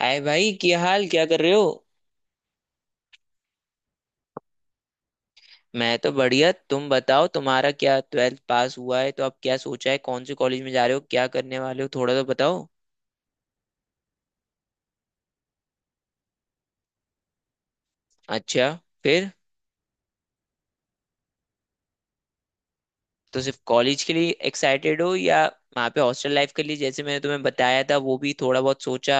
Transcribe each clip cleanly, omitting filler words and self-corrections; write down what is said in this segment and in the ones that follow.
हाय भाई, क्या हाल? क्या कर रहे हो? मैं तो बढ़िया, तुम बताओ। तुम्हारा क्या ट्वेल्थ पास हुआ है, तो अब क्या सोचा है? कौन से कॉलेज में जा रहे हो, क्या करने वाले हो, थोड़ा तो बताओ। अच्छा। फिर? तो सिर्फ कॉलेज के लिए एक्साइटेड हो या वहाँ पे हॉस्टल लाइफ के लिए, जैसे मैंने तुम्हें बताया था, वो भी थोड़ा बहुत सोचा?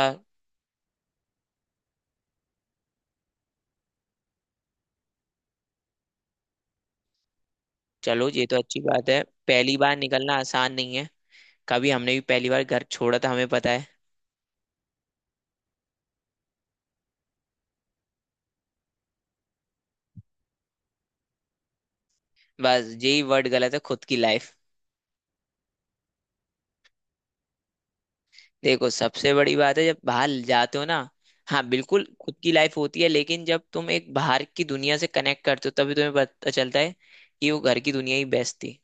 चलो, ये तो अच्छी बात है। पहली बार निकलना आसान नहीं है। कभी हमने भी पहली बार घर छोड़ा था, हमें पता है। बस यही वर्ड गलत है, खुद की लाइफ। देखो, सबसे बड़ी बात है, जब बाहर जाते हो ना, हाँ बिल्कुल खुद की लाइफ होती है, लेकिन जब तुम एक बाहर की दुनिया से कनेक्ट करते हो, तभी तुम्हें पता चलता है कि वो घर की दुनिया ही बेस्ट थी।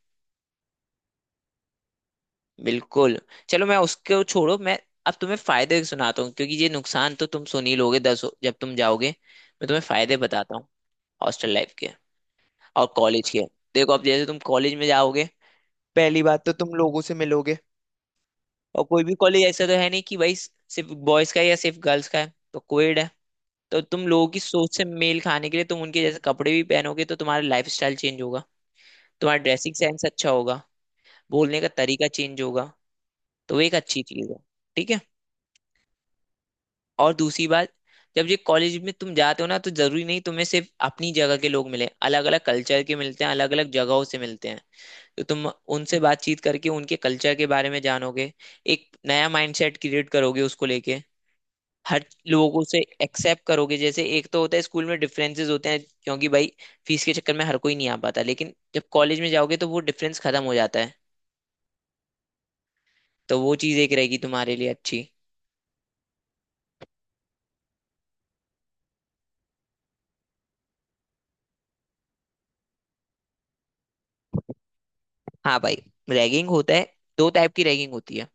बिल्कुल। चलो, मैं उसको छोड़ो। मैं अब तुम्हें फायदे सुनाता हूँ, क्योंकि ये नुकसान तो तुम सुन ही लोगे 10, जब तुम जाओगे मैं तुम्हें फायदे बताता हूँ। हॉस्टल लाइफ के और कॉलेज के। देखो, अब जैसे तुम कॉलेज में जाओगे, पहली बात तो तुम लोगों से मिलोगे। और कोई भी कॉलेज ऐसा तो है नहीं कि भाई सिर्फ बॉयज का है या सिर्फ गर्ल्स का है, तो कोएड है। तो तुम लोगों की सोच से मेल खाने के लिए तुम उनके जैसे कपड़े भी पहनोगे, तो तुम्हारा लाइफस्टाइल चेंज होगा। तुम्हारा ड्रेसिंग सेंस अच्छा होगा। बोलने का तरीका चेंज होगा। तो वो एक अच्छी चीज है। ठीक है। और दूसरी बात, जब ये कॉलेज में तुम जाते हो ना, तो जरूरी नहीं तुम्हें सिर्फ अपनी जगह के लोग मिले। अलग अलग कल्चर के मिलते हैं, अलग अलग जगहों से मिलते हैं। तो तुम उनसे बातचीत करके उनके कल्चर के बारे में जानोगे, एक नया माइंडसेट क्रिएट करोगे उसको लेके। हर लोगों से एक्सेप्ट करोगे। जैसे एक तो होता है, स्कूल में डिफरेंसेस होते हैं क्योंकि भाई फीस के चक्कर में हर कोई नहीं आ पाता, लेकिन जब कॉलेज में जाओगे तो वो डिफरेंस खत्म हो जाता है। तो वो चीज एक रहेगी तुम्हारे लिए अच्छी। हाँ भाई, रैगिंग होता है। दो टाइप की रैगिंग होती है।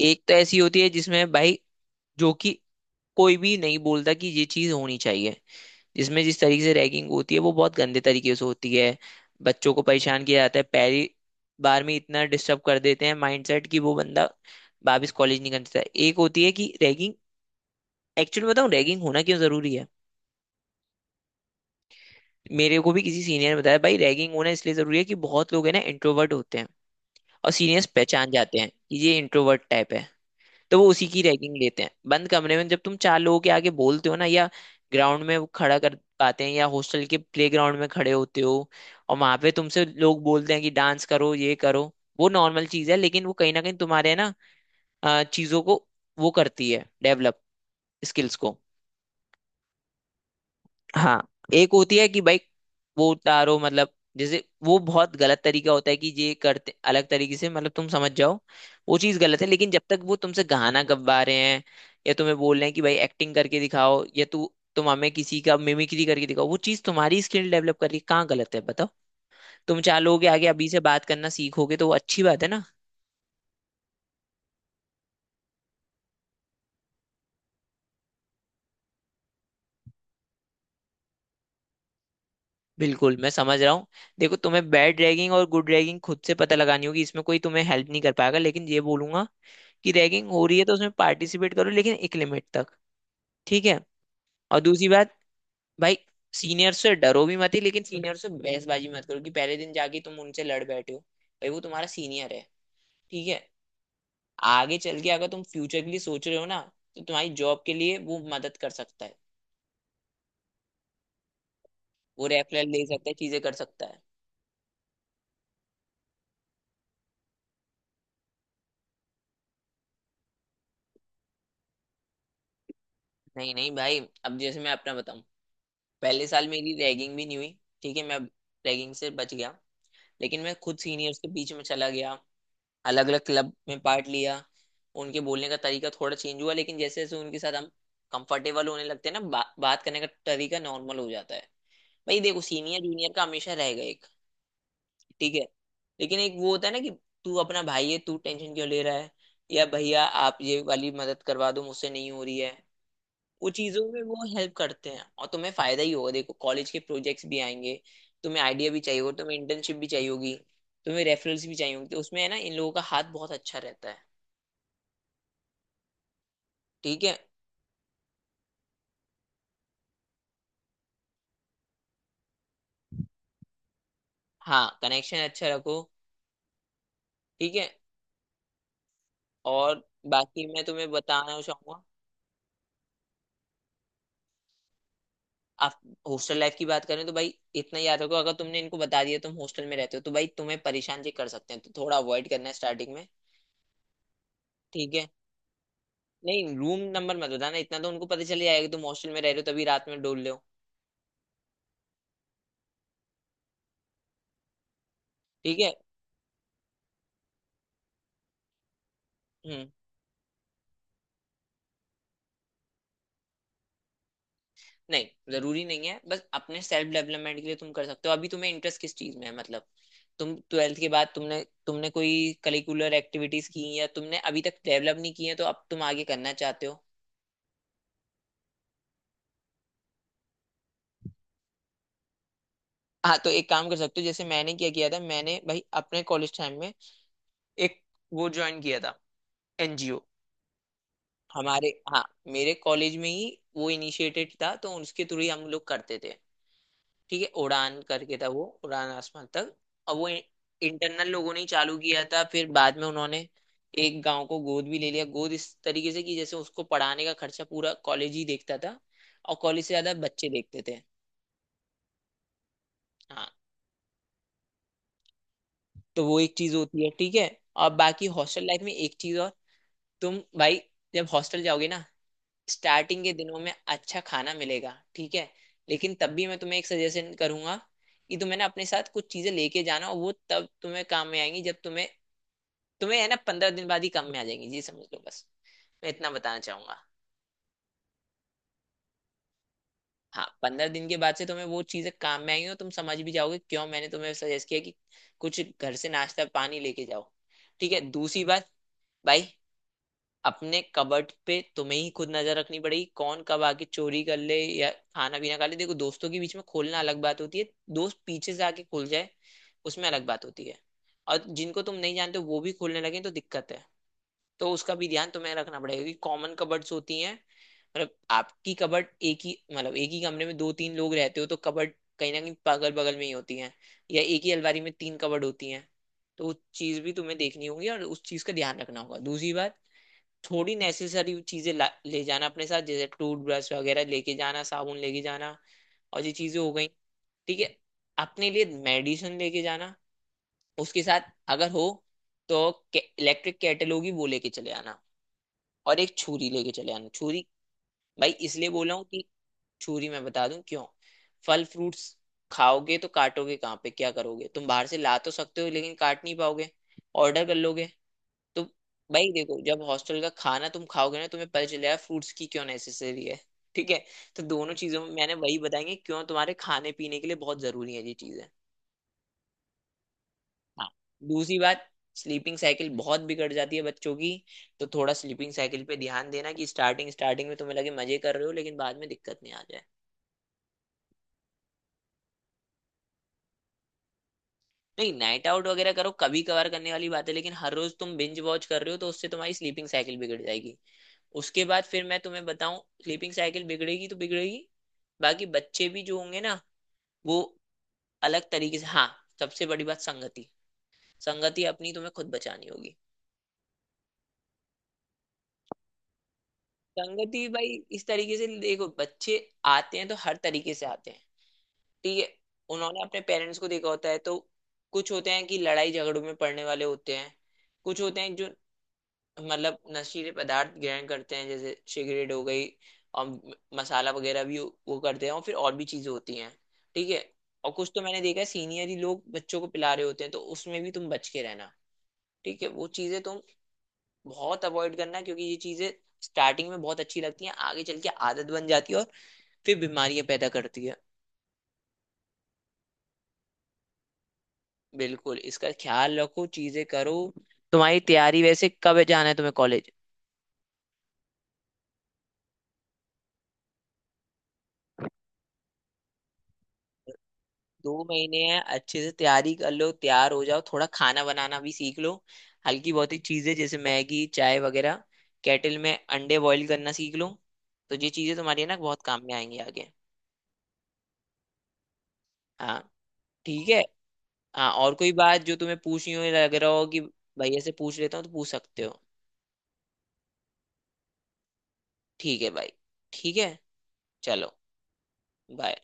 एक तो ऐसी होती है जिसमें भाई, जो कि कोई भी नहीं बोलता कि ये चीज होनी चाहिए, जिसमें जिस तरीके से रैगिंग होती है वो बहुत गंदे तरीके से होती है। बच्चों को परेशान किया जाता है, पहली बार में इतना डिस्टर्ब कर देते हैं माइंडसेट कि वो बंदा वापस कॉलेज नहीं करता। एक होती है कि रैगिंग, एक्चुअली बताऊं रैगिंग होना क्यों जरूरी है। मेरे को भी किसी सीनियर ने बताया, भाई रैगिंग होना इसलिए जरूरी है कि बहुत लोग है ना, इंट्रोवर्ट होते हैं, और सीनियर्स पहचान जाते हैं कि ये इंट्रोवर्ट टाइप है। तो वो उसी की रैगिंग लेते हैं। बंद कमरे में जब तुम चार लोगों के आगे बोलते हो ना, या ग्राउंड में वो खड़ा कर पाते हैं, या हॉस्टल के प्लेग्राउंड में खड़े होते हो और वहां पे तुमसे लोग बोलते हैं कि डांस करो, ये करो, वो नॉर्मल चीज है। लेकिन वो कहीं ना कहीं तुम्हारे ना चीजों को वो करती है डेवलप, स्किल्स को। हाँ। एक होती है कि भाई वो उतारो, मतलब जैसे वो बहुत गलत तरीका होता है कि ये करते अलग तरीके से, मतलब तुम समझ जाओ। वो चीज गलत है। लेकिन जब तक वो तुमसे गाना गवा रहे हैं या तुम्हें बोल रहे हैं कि भाई एक्टिंग करके दिखाओ, या तू तुम हमें किसी का मिमिक्री करके दिखाओ, वो चीज तुम्हारी स्किल डेवलप कर रही है, कहाँ गलत है बताओ। तुम चार लोगों के आगे अभी से बात करना सीखोगे, तो वो अच्छी बात है ना। बिल्कुल, मैं समझ रहा हूँ। देखो, तुम्हें बैड रैगिंग और गुड रैगिंग खुद से पता लगानी होगी, इसमें कोई तुम्हें हेल्प नहीं कर पाएगा। लेकिन ये बोलूंगा कि रैगिंग हो रही है तो उसमें पार्टिसिपेट करो, लेकिन एक लिमिट तक। ठीक है। और दूसरी बात भाई, सीनियर से डरो भी मत ही, लेकिन सीनियर से बहसबाजी मत करो कि पहले दिन जाके तुम उनसे लड़ बैठे हो। भाई, वो तुम्हारा सीनियर है। ठीक है। आगे चल के अगर तुम फ्यूचर के लिए सोच रहे हो ना, तो तुम्हारी जॉब के लिए वो मदद कर सकता है। वो रेफरल ले सकता है, चीजें कर सकता है। नहीं नहीं भाई, अब जैसे मैं अपना बताऊं, पहले साल मेरी रैगिंग भी नहीं हुई। ठीक है, मैं रैगिंग से बच गया। लेकिन मैं खुद सीनियर्स के बीच में चला गया, अलग अलग क्लब में पार्ट लिया। उनके बोलने का तरीका थोड़ा चेंज हुआ, लेकिन जैसे जैसे उनके साथ हम कंफर्टेबल होने लगते हैं ना, बात करने का तरीका नॉर्मल हो जाता है। भाई देखो, सीनियर जूनियर का हमेशा रहेगा एक। ठीक है। लेकिन एक वो होता है ना कि तू अपना भाई है, तू टेंशन क्यों ले रहा है, या भैया आप ये वाली मदद करवा दो मुझसे नहीं हो रही है। वो चीजों में वो हेल्प करते हैं, और तुम्हें फायदा ही होगा। देखो, कॉलेज के प्रोजेक्ट्स भी आएंगे, तुम्हें आइडिया भी चाहिए होगा, तुम्हें इंटर्नशिप भी चाहिए होगी, तुम्हें रेफरल्स भी चाहिए होंगे। तो उसमें है ना, इन लोगों का हाथ बहुत अच्छा रहता है। ठीक है। हाँ, कनेक्शन अच्छा रखो। ठीक है। और बाकी मैं तुम्हें बताना चाहूंगा, आप हॉस्टल लाइफ की बात करें तो भाई इतना याद रखो, अगर तुमने इनको बता दिया तुम हॉस्टल में रहते हो तो भाई तुम्हें परेशान जी कर सकते हैं, तो थोड़ा अवॉइड करना है स्टार्टिंग में। ठीक है। नहीं, रूम नंबर मत बताना, इतना तो उनको पता चल जाएगा कि तुम हॉस्टल में रह रहे हो, तभी रात में डोल रहे हो। ठीक है। हम्म। नहीं, जरूरी नहीं है, बस अपने सेल्फ डेवलपमेंट के लिए तुम कर सकते हो। अभी तुम्हें इंटरेस्ट किस चीज में है, मतलब तुम ट्वेल्थ के बाद तुमने तुमने कोई करिकुलर एक्टिविटीज की हैं, या तुमने अभी तक डेवलप नहीं की है तो अब तुम आगे करना चाहते हो? हाँ, तो एक काम कर सकते हो। जैसे मैंने क्या किया था, मैंने भाई अपने कॉलेज टाइम में एक वो ज्वाइन किया था, एनजीओ। हमारे, हाँ, मेरे कॉलेज में ही वो इनिशिएटेड था, तो उसके थ्रू ही हम लोग करते थे। ठीक है, उड़ान करके था वो, उड़ान आसमान तक। और वो इंटरनल लोगों ने ही चालू किया था, फिर बाद में उन्होंने एक गांव को गोद भी ले लिया। गोद इस तरीके से कि जैसे उसको पढ़ाने का खर्चा पूरा कॉलेज ही देखता था, और कॉलेज से ज्यादा बच्चे देखते थे। हाँ। तो वो एक चीज होती है, ठीक है। और बाकी हॉस्टल लाइफ में एक चीज और, तुम भाई जब हॉस्टल जाओगे ना, स्टार्टिंग के दिनों में अच्छा खाना मिलेगा, ठीक है। लेकिन तब भी मैं तुम्हें एक सजेशन करूंगा कि तुम्हें ना अपने साथ कुछ चीजें लेके जाना, और वो तब तुम्हें काम में आएंगी जब तुम्हें, तुम्हें है ना 15 दिन बाद ही काम में आ जाएंगी जी, समझ लो बस। मैं इतना बताना चाहूंगा। हाँ, 15 दिन के बाद से तुम्हें वो चीजें काम में आएंगी और तुम समझ भी जाओगे क्यों मैंने तुम्हें सजेस्ट किया कि कुछ घर से नाश्ता पानी लेके जाओ। ठीक है। दूसरी बात भाई, अपने कबर्ड पे तुम्हें ही खुद नजर रखनी पड़ेगी, कौन कब आके चोरी कर ले या खाना पीना खा ले। देखो, दोस्तों के बीच में खोलना अलग बात होती है, दोस्त पीछे से आके खोल जाए उसमें अलग बात होती है। और जिनको तुम नहीं जानते वो भी खोलने लगे तो दिक्कत है। तो उसका भी ध्यान तुम्हें रखना पड़ेगा, क्योंकि कॉमन कबर्ड्स होती हैं। मतलब आपकी कबर्ड एक ही, मतलब एक ही कमरे में दो तीन लोग रहते हो तो कबर्ड कहीं ना कहीं बगल बगल में ही होती हैं, या एक ही अलमारी में तीन कबर्ड होती हैं। तो उस चीज भी तुम्हें देखनी होगी और उस चीज का ध्यान रखना होगा। दूसरी बात, थोड़ी नेसेसरी चीजें ले जाना अपने साथ, जैसे टूथब्रश वगैरह लेके जाना, साबुन लेके जाना, और ये चीजें हो गई। ठीक है। अपने लिए मेडिसिन लेके जाना उसके साथ अगर हो तो। इलेक्ट्रिक केटल होगी, वो लेके चले आना। और एक छुरी लेके चले आना, छुरी भाई इसलिए बोला हूँ कि, छुरी मैं बता दूं क्यों, फल फ्रूट्स खाओगे तो काटोगे कहाँ पे, क्या करोगे? तुम बाहर से ला तो सकते हो, लेकिन काट नहीं पाओगे, ऑर्डर कर लोगे। तो भाई देखो, जब हॉस्टल का खाना तुम खाओगे ना, तुम्हें पता चलेगा फ्रूट्स की क्यों नेसेसरी है। ठीक है। तो दोनों चीजों में मैंने वही बताएंगे क्यों, तुम्हारे खाने पीने के लिए बहुत जरूरी है ये चीजें। हाँ। दूसरी बात, स्लीपिंग साइकिल बहुत बिगड़ जाती है बच्चों की, तो थोड़ा स्लीपिंग साइकिल पे ध्यान देना कि स्टार्टिंग स्टार्टिंग में तुम्हें लगे मजे कर रहे हो, लेकिन बाद में दिक्कत नहीं आ जाए। नहीं, नाइट आउट वगैरह करो, कभी कभार करने वाली बात है, लेकिन हर रोज तुम बिंज वॉच कर रहे हो तो उससे तुम्हारी स्लीपिंग साइकिल बिगड़ जाएगी। उसके बाद फिर मैं तुम्हें बताऊं, स्लीपिंग साइकिल बिगड़ेगी तो बिगड़ेगी, बाकी बच्चे भी जो होंगे ना, वो अलग तरीके से। हाँ, सबसे बड़ी बात संगति। संगति अपनी तुम्हें खुद बचानी होगी। संगति भाई, इस तरीके से देखो, बच्चे आते हैं तो हर तरीके से आते हैं। ठीक है। उन्होंने अपने पेरेंट्स को देखा होता है, तो कुछ होते हैं कि लड़ाई झगड़ों में पड़ने वाले होते हैं, कुछ होते हैं जो मतलब नशीले पदार्थ ग्रहण करते हैं, जैसे सिगरेट हो गई, और मसाला वगैरह भी वो करते हैं, और फिर और भी चीजें होती हैं। ठीक है। और कुछ तो मैंने देखा है सीनियर ही लोग बच्चों को पिला रहे होते हैं, तो उसमें भी तुम बच के रहना। ठीक है, वो चीजें तुम बहुत अवॉइड करना, क्योंकि ये चीजें स्टार्टिंग में बहुत अच्छी लगती हैं, आगे चल के आदत बन जाती है और फिर बीमारियां पैदा करती है। बिल्कुल इसका ख्याल रखो, चीजें करो। तुम्हारी तैयारी, वैसे कब जाना है तुम्हें कॉलेज? 2 महीने हैं, अच्छे से तैयारी कर लो, तैयार हो जाओ, थोड़ा खाना बनाना भी सीख लो। हल्की बहुत ही चीजें, जैसे मैगी चाय वगैरह, केटल में अंडे बॉईल करना सीख लो। तो ये चीजें तुम्हारी ना बहुत काम में आएंगी आगे। हाँ। ठीक है। हाँ, और कोई बात जो तुम्हें पूछनी हो, या लग रहा हो कि भैया से पूछ लेता हूँ, तो पूछ सकते हो। ठीक है भाई। ठीक है। चलो, बाय।